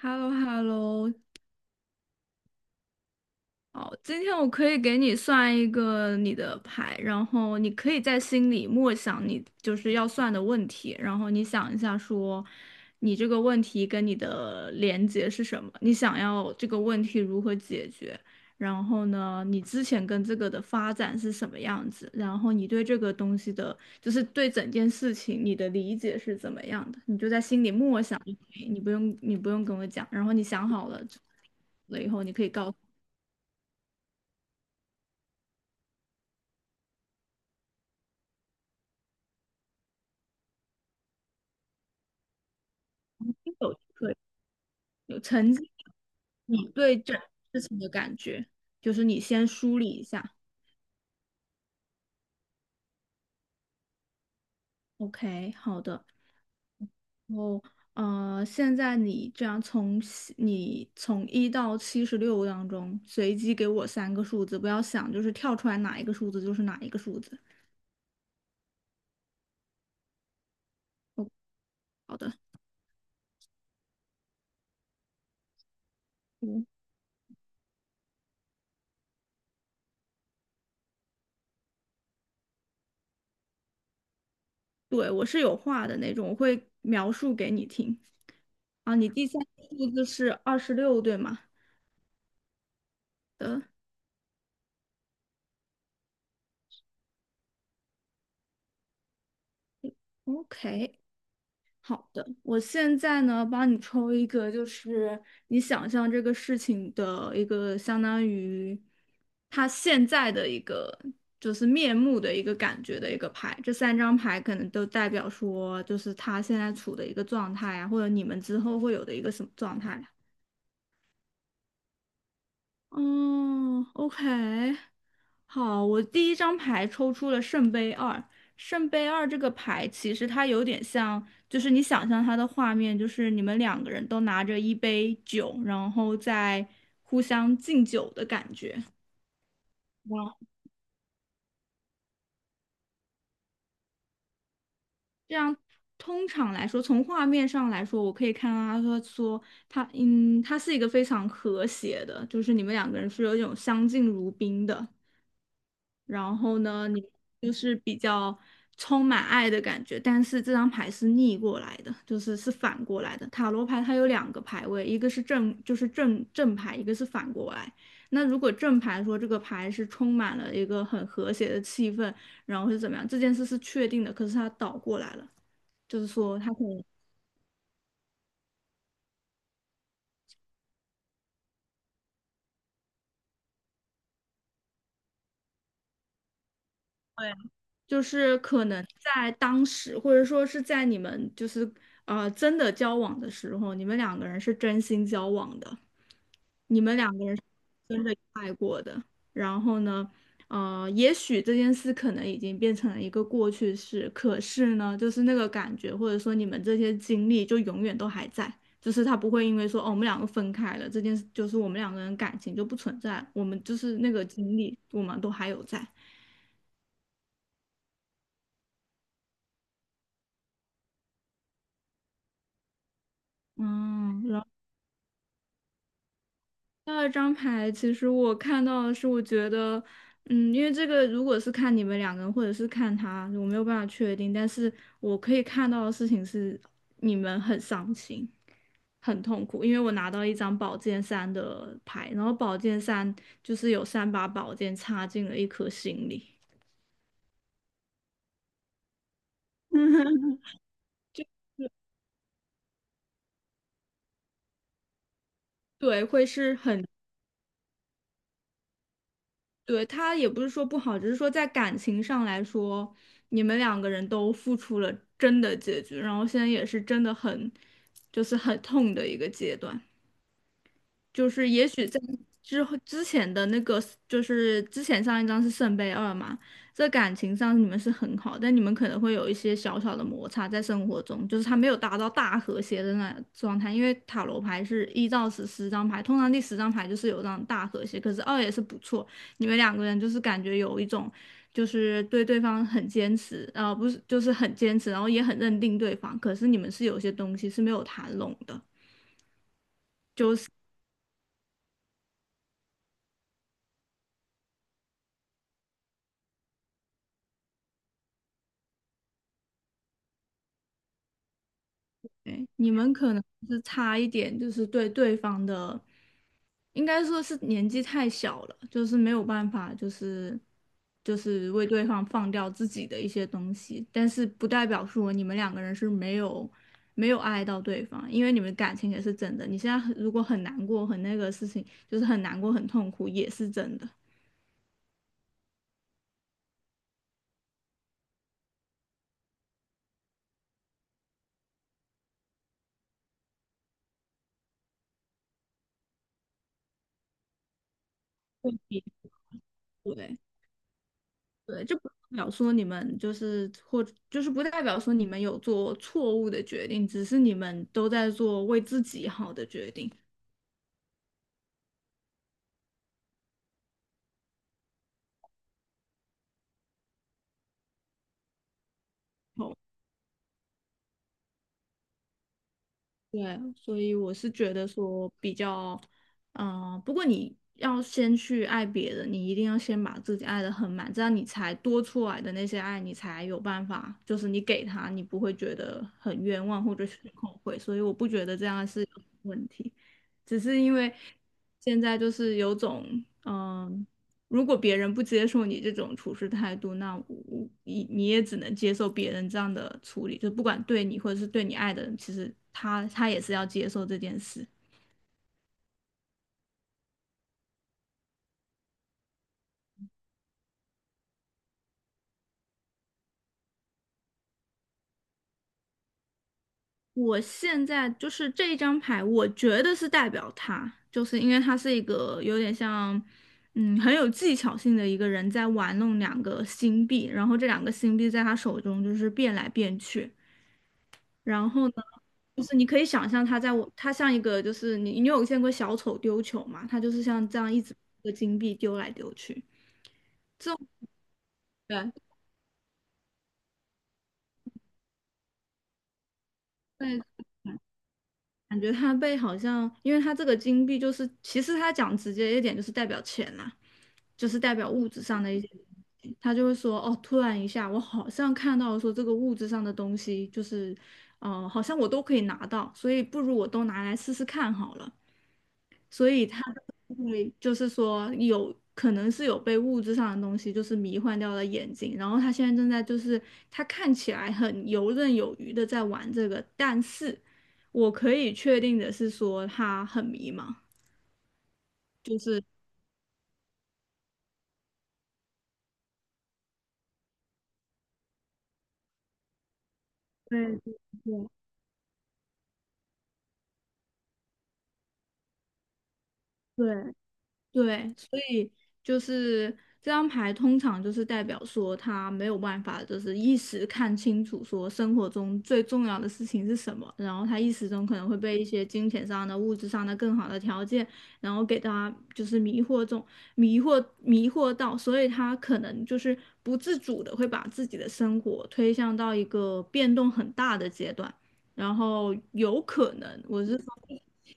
h e l l o h e l l o 好，今天我可以给你算一个你的牌，然后你可以在心里默想你就是要算的问题，然后你想一下说，你这个问题跟你的连接是什么？你想要这个问题如何解决？然后呢，你之前跟这个的发展是什么样子？然后你对这个东西的，就是对整件事情你的理解是怎么样的？你就在心里默想就可以，你不用跟我讲。然后你想好了以后，你可以告诉。有对，有曾经你对这事情的感觉，就是你先梳理一下。OK，好的。然后现在你这样你从一到76当中随机给我三个数字，不要想就是跳出来哪一个数字就是哪一个数字。哦，好的。嗯，对，我是有话的那种，我会描述给你听。啊，你第三个数字是26，对吗？的，OK。好的，我现在呢，帮你抽一个，就是你想象这个事情的一个相当于他现在的一个就是面目的一个感觉的一个牌。这三张牌可能都代表说，就是他现在处的一个状态啊，或者你们之后会有的一个什么状态。哦，OK，好，我第一张牌抽出了圣杯二。圣杯二这个牌其实它有点像，就是你想象它的画面，就是你们两个人都拿着一杯酒，然后在互相敬酒的感觉。哇，这样通常来说，从画面上来说，我可以看到他说他，嗯，他是一个非常和谐的，就是你们两个人是有一种相敬如宾的。然后呢，你就是比较充满爱的感觉，但是这张牌是逆过来的，就是是反过来的。塔罗牌它有两个牌位，一个是正，就是正牌，一个是反过来。那如果正牌说这个牌是充满了一个很和谐的气氛，然后是怎么样，这件事是确定的，可是它倒过来了，就是说它可能。对，就是可能在当时，或者说是在你们就是真的交往的时候，你们两个人是真心交往的。你们两个人是真的爱过的。然后呢，也许这件事可能已经变成了一个过去式，可是呢，就是那个感觉，或者说你们这些经历，就永远都还在。就是他不会因为说，哦，我们两个分开了，这件事就是我们两个人感情就不存在了我们就是那个经历，我们都还有在。嗯，然第二张牌，其实我看到的是，我觉得，嗯，因为这个如果是看你们两个人，或者是看他，我没有办法确定，但是我可以看到的事情是，你们很伤心，很痛苦，因为我拿到一张宝剑三的牌，然后宝剑三就是有三把宝剑插进了一颗心里，对，会是很对，他也不是说不好，只是说在感情上来说，你们两个人都付出了真的结局，然后现在也是真的很，就是很痛的一个阶段。就是也许在之后之前的那个，就是之前上一张是圣杯二嘛，在感情上你们是很好，但你们可能会有一些小小的摩擦在生活中，就是他没有达到大和谐的那状态，因为塔罗牌是一到十十张牌，通常第十张牌就是有这种大和谐，可是二也是不错，你们两个人就是感觉有一种。就是对对方很坚持，不是，就是很坚持，然后也很认定对方，可是你们是有些东西是没有谈拢的。对，你们可能是差一点，就是对对方的，应该说是年纪太小了，就是没有办法，就是为对方放掉自己的一些东西，但是不代表说你们两个人是没有爱到对方，因为你们感情也是真的。你现在很如果很难过，很那个事情，就是很难过很痛苦，也是真的。对，对对，这不代表说你们就是或就是不代表说你们有做错误的决定，只是你们都在做为自己好的决定。对，所以我是觉得说比较，不过你要先去爱别人，你一定要先把自己爱得很满，这样你才多出来的那些爱，你才有办法，就是你给他，你不会觉得很冤枉或者是很后悔。所以我不觉得这样是有问题，只是因为现在就是有种，嗯、如果别人不接受你这种处事态度，那你也只能接受别人这样的处理，就不管对你或者是对你爱的人，其实他也是要接受这件事。我现在就是这一张牌，我觉得是代表他，就是因为他是一个有点像，嗯，很有技巧性的一个人在玩弄两个星币，然后这两个星币在他手中就是变来变去。然后呢，就是你可以想象它在我，它像一个就是你有见过小丑丢球吗？它就是像这样一直一个金币丢来丢去。对，对，感觉它被好像，因为它这个金币就是，其实它讲直接一点就是代表钱啦、就是代表物质上的一些东西。他就会说，哦，突然一下，我好像看到说这个物质上的东西，就是，好像我都可以拿到，所以不如我都拿来试试看好了。所以他会就是说有可能是有被物质上的东西就是迷幻掉了眼睛，然后他现在正在就是他看起来很游刃有余的在玩这个，但是我可以确定的是说他很迷茫。对对对。对，所以就是这张牌通常就是代表说他没有办法，就是一时看清楚说生活中最重要的事情是什么，然后他一时中可能会被一些金钱上的、物质上的更好的条件，然后给他就是迷惑中迷惑迷惑到，所以他可能就是不自主的会把自己的生活推向到一个变动很大的阶段。然后有可能，我是说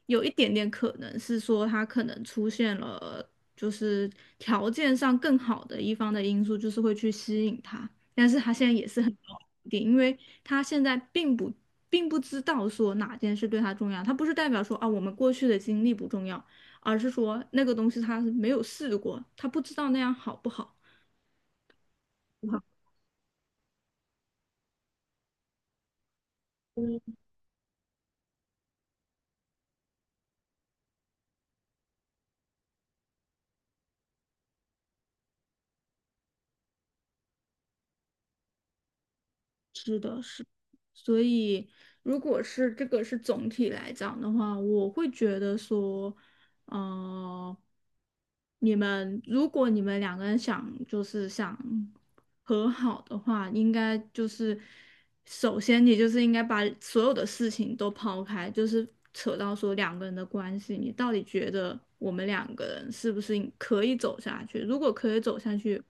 有一点点可能是说他可能出现了，就是条件上更好的一方的因素，就是会去吸引他，但是他现在也是很高点，因为他现在并不知道说哪件事对他重要，他不是代表说啊我们过去的经历不重要，而是说那个东西他是没有试过，他不知道那样好不好。是的，是，所以如果是这个是总体来讲的话，我会觉得说，呃，如果你们两个人想就是想和好的话，应该就是首先你就是应该把所有的事情都抛开，就是扯到说两个人的关系，你到底觉得我们两个人是不是可以走下去？如果可以走下去，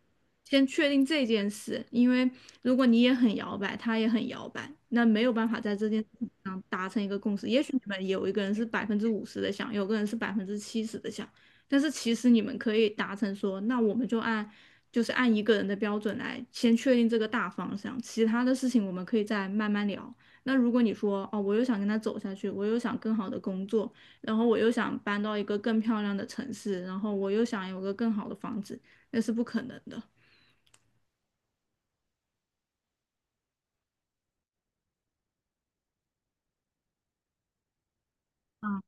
先确定这件事，因为如果你也很摇摆，他也很摇摆，那没有办法在这件事情上达成一个共识。也许你们有一个人是50%的想，有个人是70%的想，但是其实你们可以达成说，那我们就按就是按一个人的标准来先确定这个大方向，其他的事情我们可以再慢慢聊。那如果你说哦，我又想跟他走下去，我又想更好的工作，然后我又想搬到一个更漂亮的城市，然后我又想有个更好的房子，那是不可能的。啊，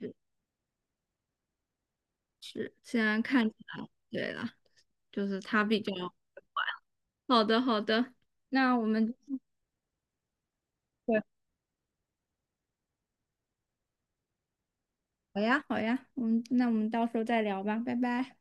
是是，现在看起来，对了，就是他比较好的，好的，那我们对，好呀，好呀，嗯，那我们到时候再聊吧，拜拜。